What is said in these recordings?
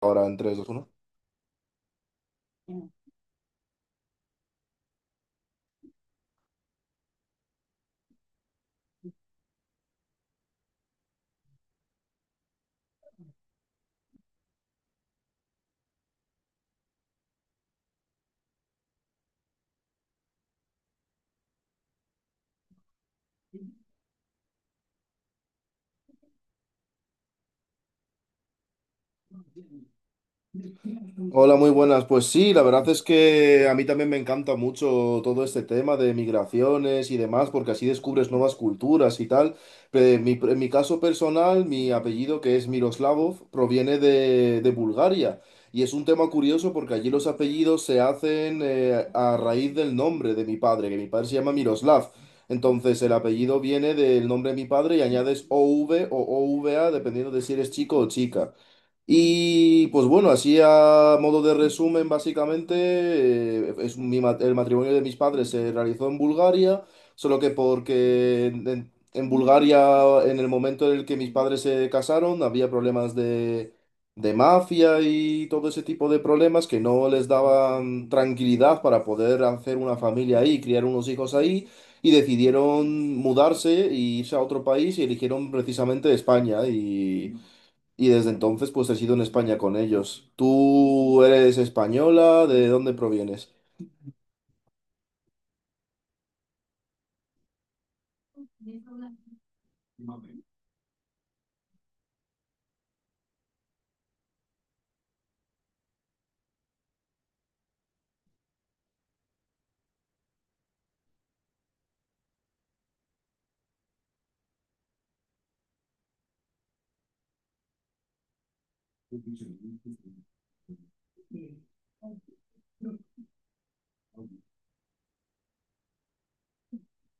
Ahora en tres, dos, uno. Hola, muy buenas. Pues sí, la verdad es que a mí también me encanta mucho todo este tema de migraciones y demás, porque así descubres nuevas culturas y tal. En mi caso personal, mi apellido, que es Miroslavov, proviene de Bulgaria. Y es un tema curioso porque allí los apellidos se hacen a raíz del nombre de mi padre, que mi padre se llama Miroslav. Entonces el apellido viene del nombre de mi padre y añades o v a dependiendo de si eres chico o chica. Y pues bueno, así a modo de resumen, básicamente, es el matrimonio de mis padres se realizó en Bulgaria, solo que porque en Bulgaria, en el momento en el que mis padres se casaron, había problemas de mafia y todo ese tipo de problemas que no les daban tranquilidad para poder hacer una familia ahí, criar unos hijos ahí, y decidieron mudarse e irse a otro país y eligieron precisamente España. Y desde entonces, pues he sido en España con ellos. ¿Tú eres española? ¿De dónde provienes?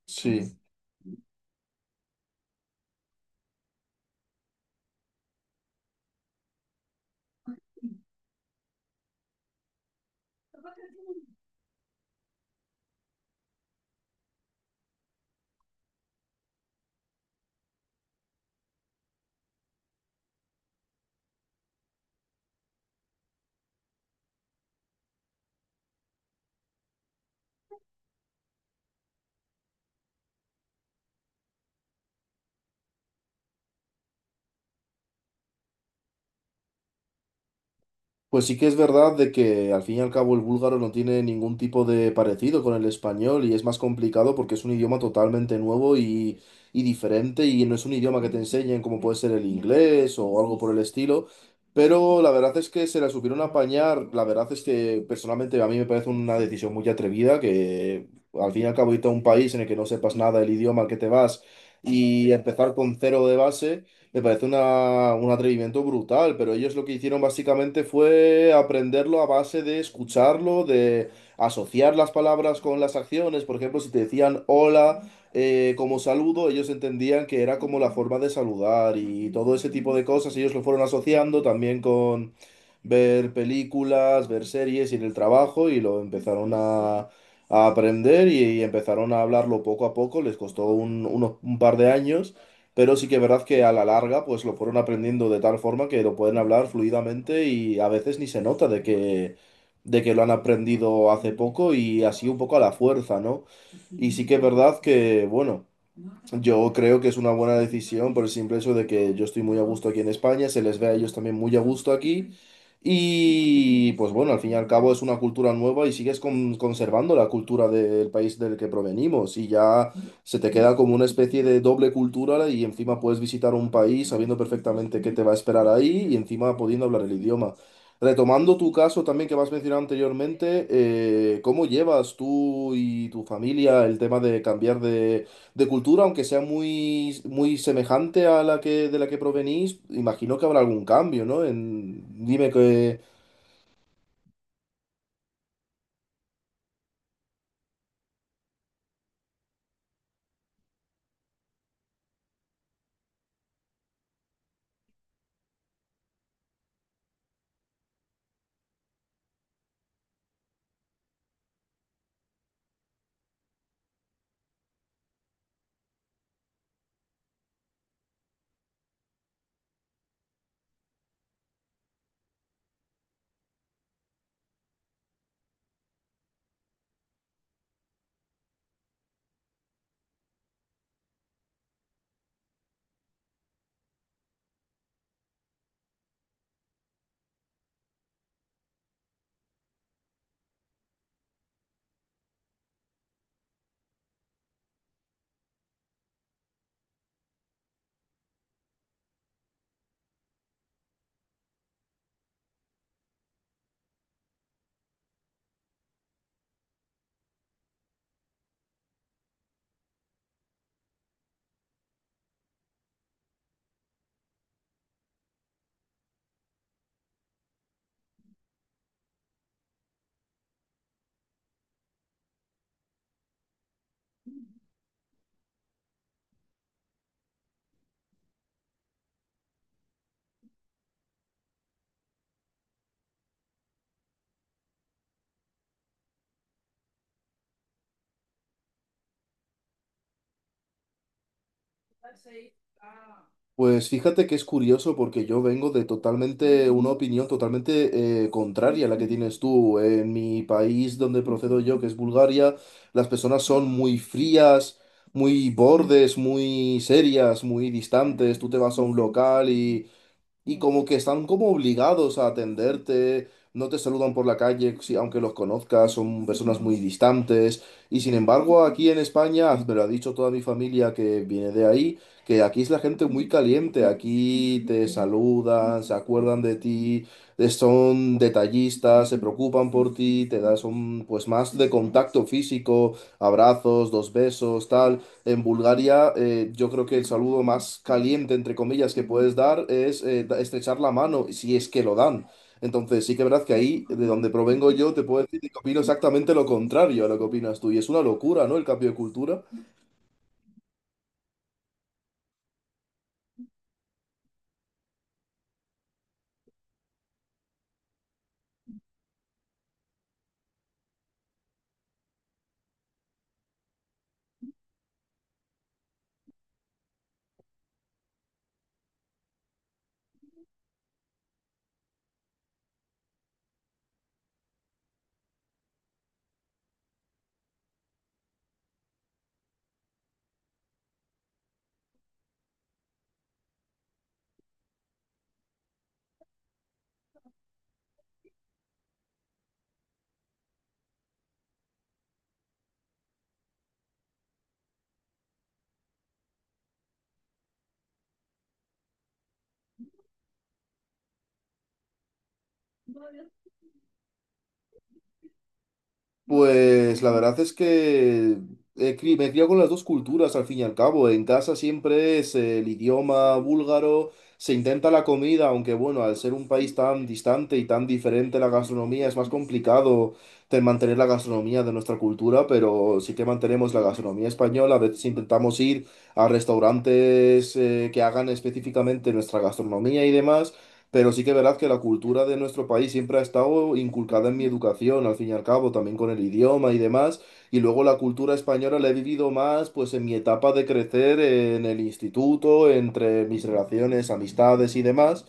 Sí. Pues sí que es verdad de que al fin y al cabo el búlgaro no tiene ningún tipo de parecido con el español y es más complicado porque es un idioma totalmente nuevo y diferente y no es un idioma que te enseñen como puede ser el inglés o algo por el estilo. Pero la verdad es que se la supieron apañar. La verdad es que personalmente a mí me parece una decisión muy atrevida que al fin y al cabo irte a un país en el que no sepas nada del idioma al que te vas y empezar con cero de base. Me parece un atrevimiento brutal, pero ellos lo que hicieron básicamente fue aprenderlo a base de escucharlo, de asociar las palabras con las acciones. Por ejemplo, si te decían hola como saludo, ellos entendían que era como la forma de saludar y todo ese tipo de cosas. Ellos lo fueron asociando también ver películas, ver series y en el trabajo y lo empezaron a aprender y empezaron a hablarlo poco a poco, les costó un par de años, pero sí que es verdad que a la larga pues lo fueron aprendiendo de tal forma que lo pueden hablar fluidamente y a veces ni se nota de que lo han aprendido hace poco y así un poco a la fuerza, ¿no? Y sí que es verdad que, bueno. Yo creo que es una buena decisión por el simple hecho de que yo estoy muy a gusto aquí en España, se les ve a ellos también muy a gusto aquí y pues bueno, al fin y al cabo es una cultura nueva y sigues conservando la cultura del país del que provenimos. Y ya se te queda como una especie de doble cultura y encima puedes visitar un país sabiendo perfectamente qué te va a esperar ahí y encima pudiendo hablar el idioma. Retomando tu caso también que me has mencionado anteriormente, ¿cómo llevas tú y tu familia el tema de cambiar de cultura, aunque sea muy, muy semejante a la que, de la que provenís? Imagino que habrá algún cambio, ¿no? En- dime. Pues fíjate que es curioso porque yo vengo de totalmente una opinión totalmente contraria a la que tienes tú. En mi país donde procedo yo, que es Bulgaria, las personas son muy frías, muy bordes, muy serias, muy distantes. Tú te vas a un local y como que están como obligados a atenderte, no te saludan por la calle, si- aunque los conozcas, son personas muy distantes. Y sin embargo, aquí en España, ah, me lo ha dicho toda mi familia que viene de ahí, que aquí es la gente muy caliente, aquí te saludan, se acuerdan de ti, son detallistas, se preocupan por ti, te dan, son pues más de contacto físico, abrazos, dos besos, tal. En Bulgaria, yo creo que el saludo más caliente, entre comillas, que puedes dar es estrechar la mano, si es que lo dan. Entonces, sí que es verdad que ahí, de donde provengo yo, te puedo decir que opino exactamente lo contrario a lo que opinas tú. Y es una locura, ¿no? El cambio de cultura. Pues la verdad es que me he criado con las dos culturas al fin y al cabo. En casa siempre es el idioma búlgaro, se intenta la comida, aunque bueno, al ser un país tan distante y tan diferente la gastronomía, es más complicado de mantener la gastronomía de nuestra cultura, pero sí que mantenemos la gastronomía española. A veces intentamos ir a restaurantes que hagan específicamente nuestra gastronomía y demás. Pero sí que verás que la cultura de nuestro país siempre ha estado inculcada en mi educación, al fin y al cabo, también con el idioma y demás. Y luego la cultura española la he vivido más, pues en mi etapa de crecer en el instituto, entre mis relaciones, amistades y demás.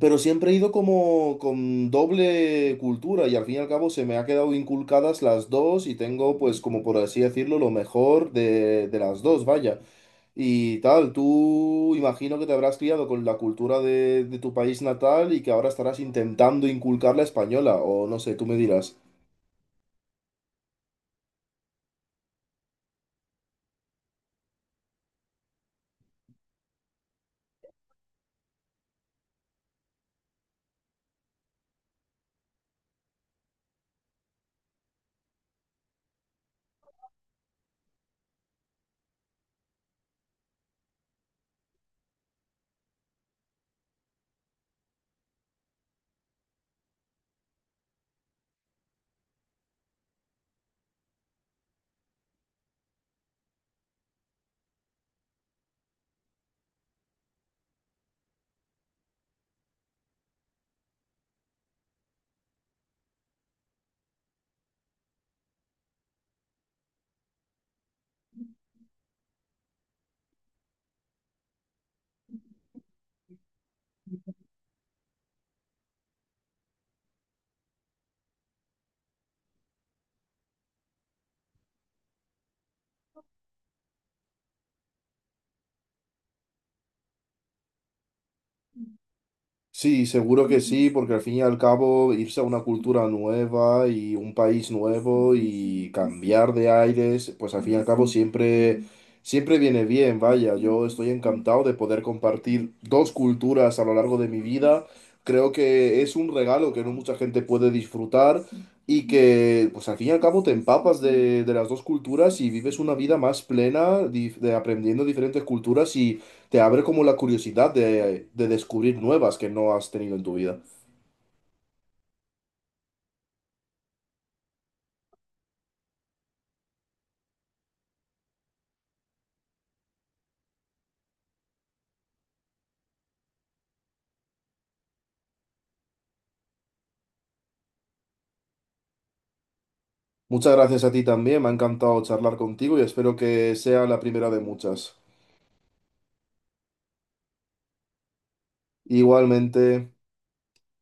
Pero siempre he ido como con doble cultura y al fin y al cabo se me ha quedado inculcadas las dos y tengo pues como por así decirlo lo mejor de las dos, vaya. Y tal, tú imagino que te habrás criado con la cultura de tu país natal y que ahora estarás intentando inculcar la española o no sé, tú me dirás. Sí, seguro que sí, porque al fin y al cabo irse a una cultura nueva y un país nuevo y cambiar de aires, pues al fin y al cabo siempre, siempre viene bien, vaya, yo estoy encantado de poder compartir dos culturas a lo largo de mi vida. Creo que es un regalo que no mucha gente puede disfrutar y que, pues al fin y al cabo, te empapas de las dos culturas y vives una vida más plena, de aprendiendo diferentes culturas y te abre como la curiosidad de descubrir nuevas que no has tenido en tu vida. Muchas gracias a ti también, me ha encantado charlar contigo y espero que sea la primera de muchas. Igualmente.